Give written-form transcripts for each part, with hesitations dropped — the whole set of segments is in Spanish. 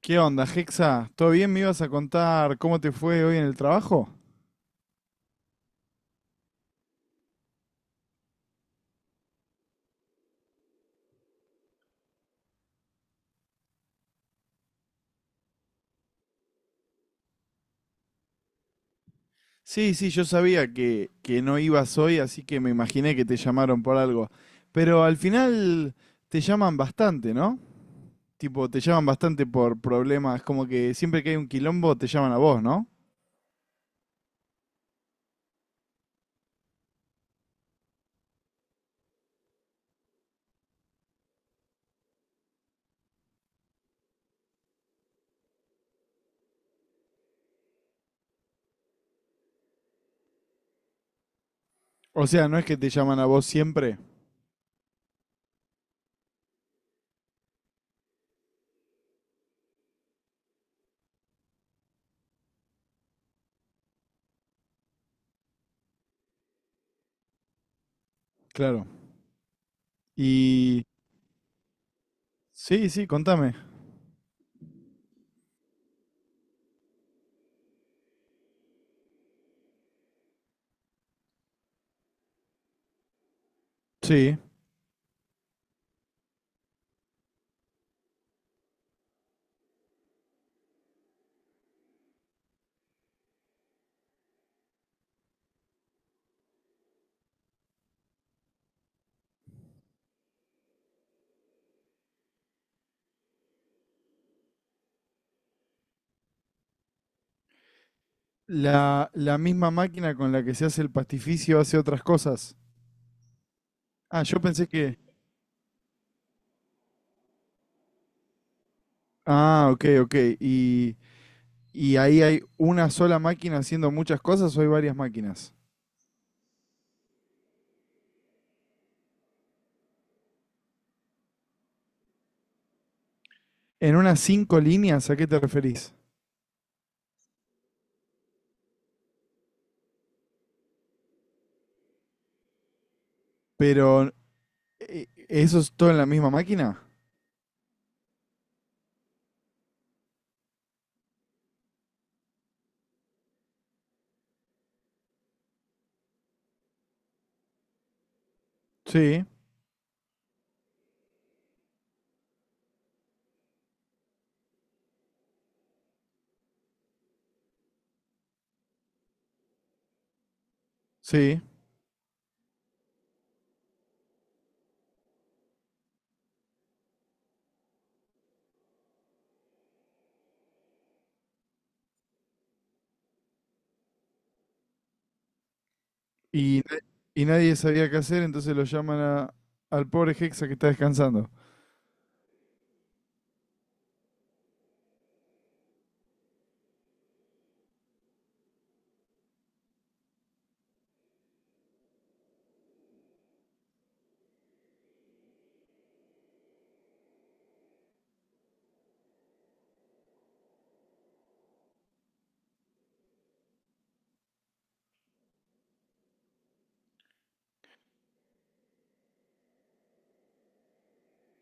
¿Qué onda, Hexa? ¿Todo bien? ¿Me ibas a contar cómo te fue hoy en el trabajo? Sí, sí, yo sabía que no ibas hoy, así que me imaginé que te llamaron por algo. Pero al final te llaman bastante, ¿no? Tipo, te llaman bastante por problemas, como que siempre que hay un quilombo te llaman a vos, ¿no? O sea, no es que te llaman a vos siempre. Claro. Y... sí, sí, contame. Sí. La misma máquina con la que se hace el pastificio hace otras cosas. Ah, yo pensé que... Ah, ok, ok. ¿Y ahí hay una sola máquina haciendo muchas cosas o hay varias máquinas? En unas cinco líneas, ¿a qué te referís? Pero, ¿eso es todo en la misma máquina? Sí, sí. Y, na- ¿Y nadie sabía qué hacer, entonces lo al pobre Hexa que está descansando?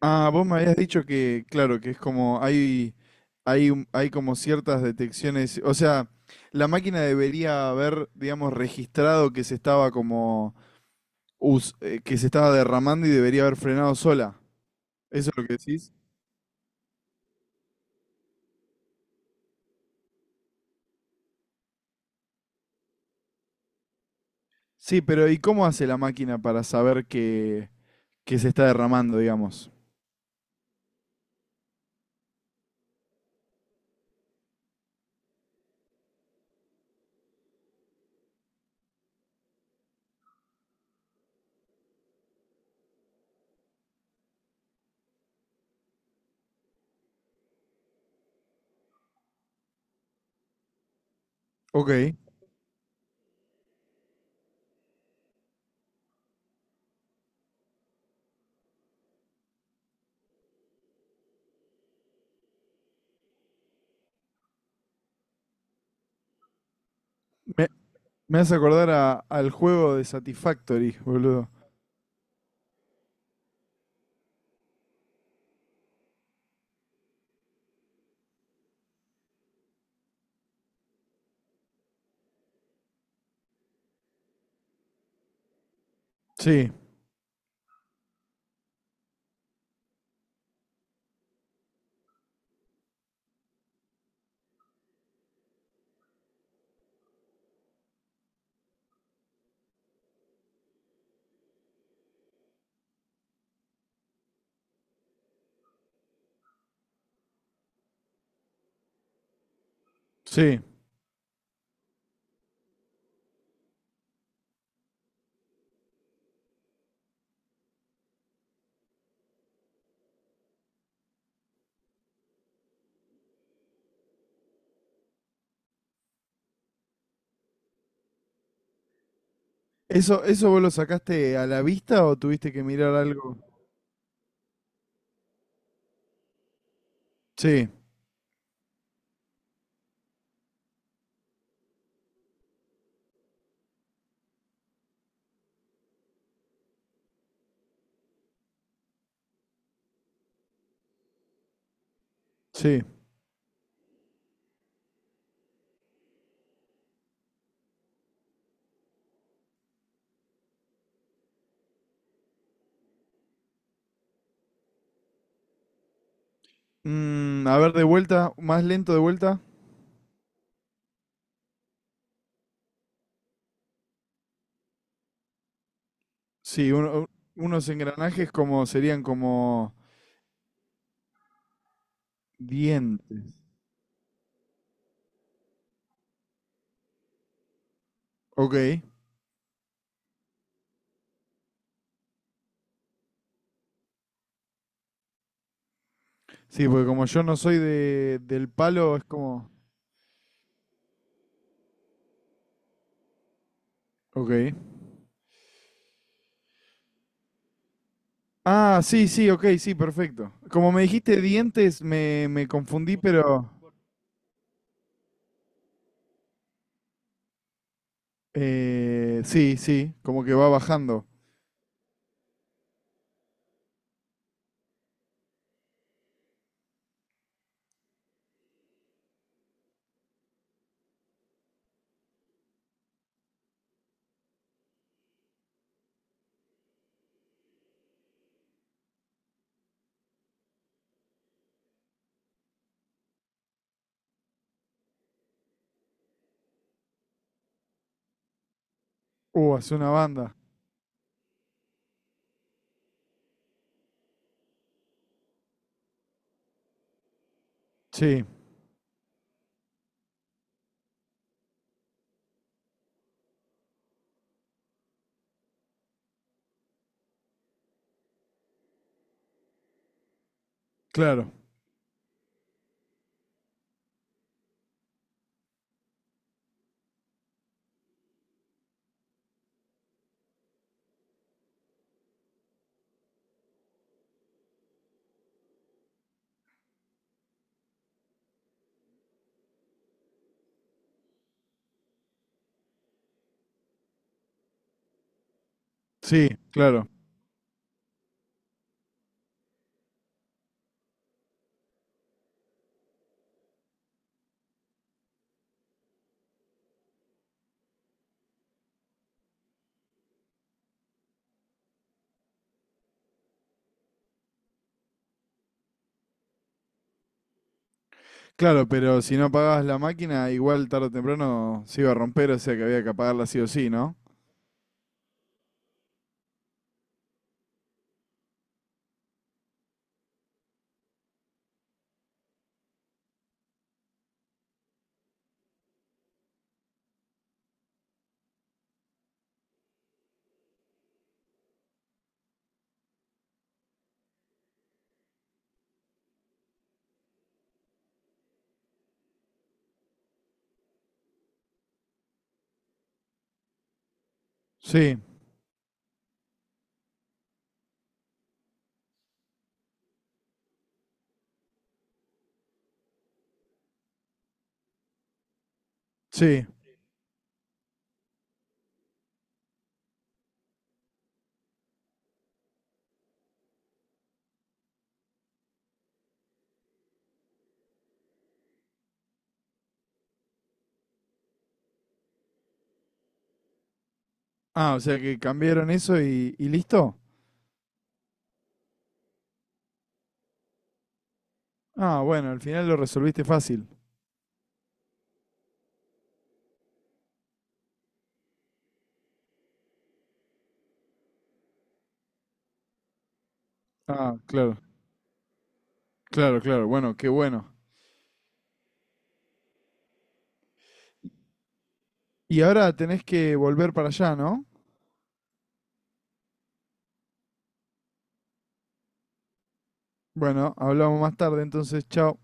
Ah, vos me habías dicho que, claro, que es como, hay como ciertas detecciones, o sea, la máquina debería haber, digamos, registrado que se estaba como que se estaba derramando y debería haber frenado sola. ¿Eso es lo que decís? Sí, pero ¿y cómo hace la máquina para saber que se está derramando, digamos? Ok. Me, me hace acordar al juego de Satisfactory, boludo. Sí, sí. ¿Eso, ¿eso vos lo sacaste a la vista o tuviste que mirar algo? Sí, sí. Mm, a ver, de vuelta, más lento de vuelta. Sí, unos engranajes como serían como dientes. Ok. Sí, porque como yo no soy de, del palo, es como... Ok. Ah, sí, sí, ok, sí, perfecto. Como me dijiste dientes, me confundí, pero... sí, sí, como que va bajando. Hace una banda. Sí, claro. Sí, claro. Claro, pero si no apagabas la máquina, igual tarde o temprano se iba a romper, o sea que había que apagarla sí o sí, ¿no? Sí, sí. Ah, o sea que cambiaron eso y listo. Ah, bueno, al final lo resolviste fácil. Ah, claro. Claro, claro. Bueno, qué bueno. Y ahora tenés que volver para allá, ¿no? Bueno, hablamos más tarde, entonces, chao.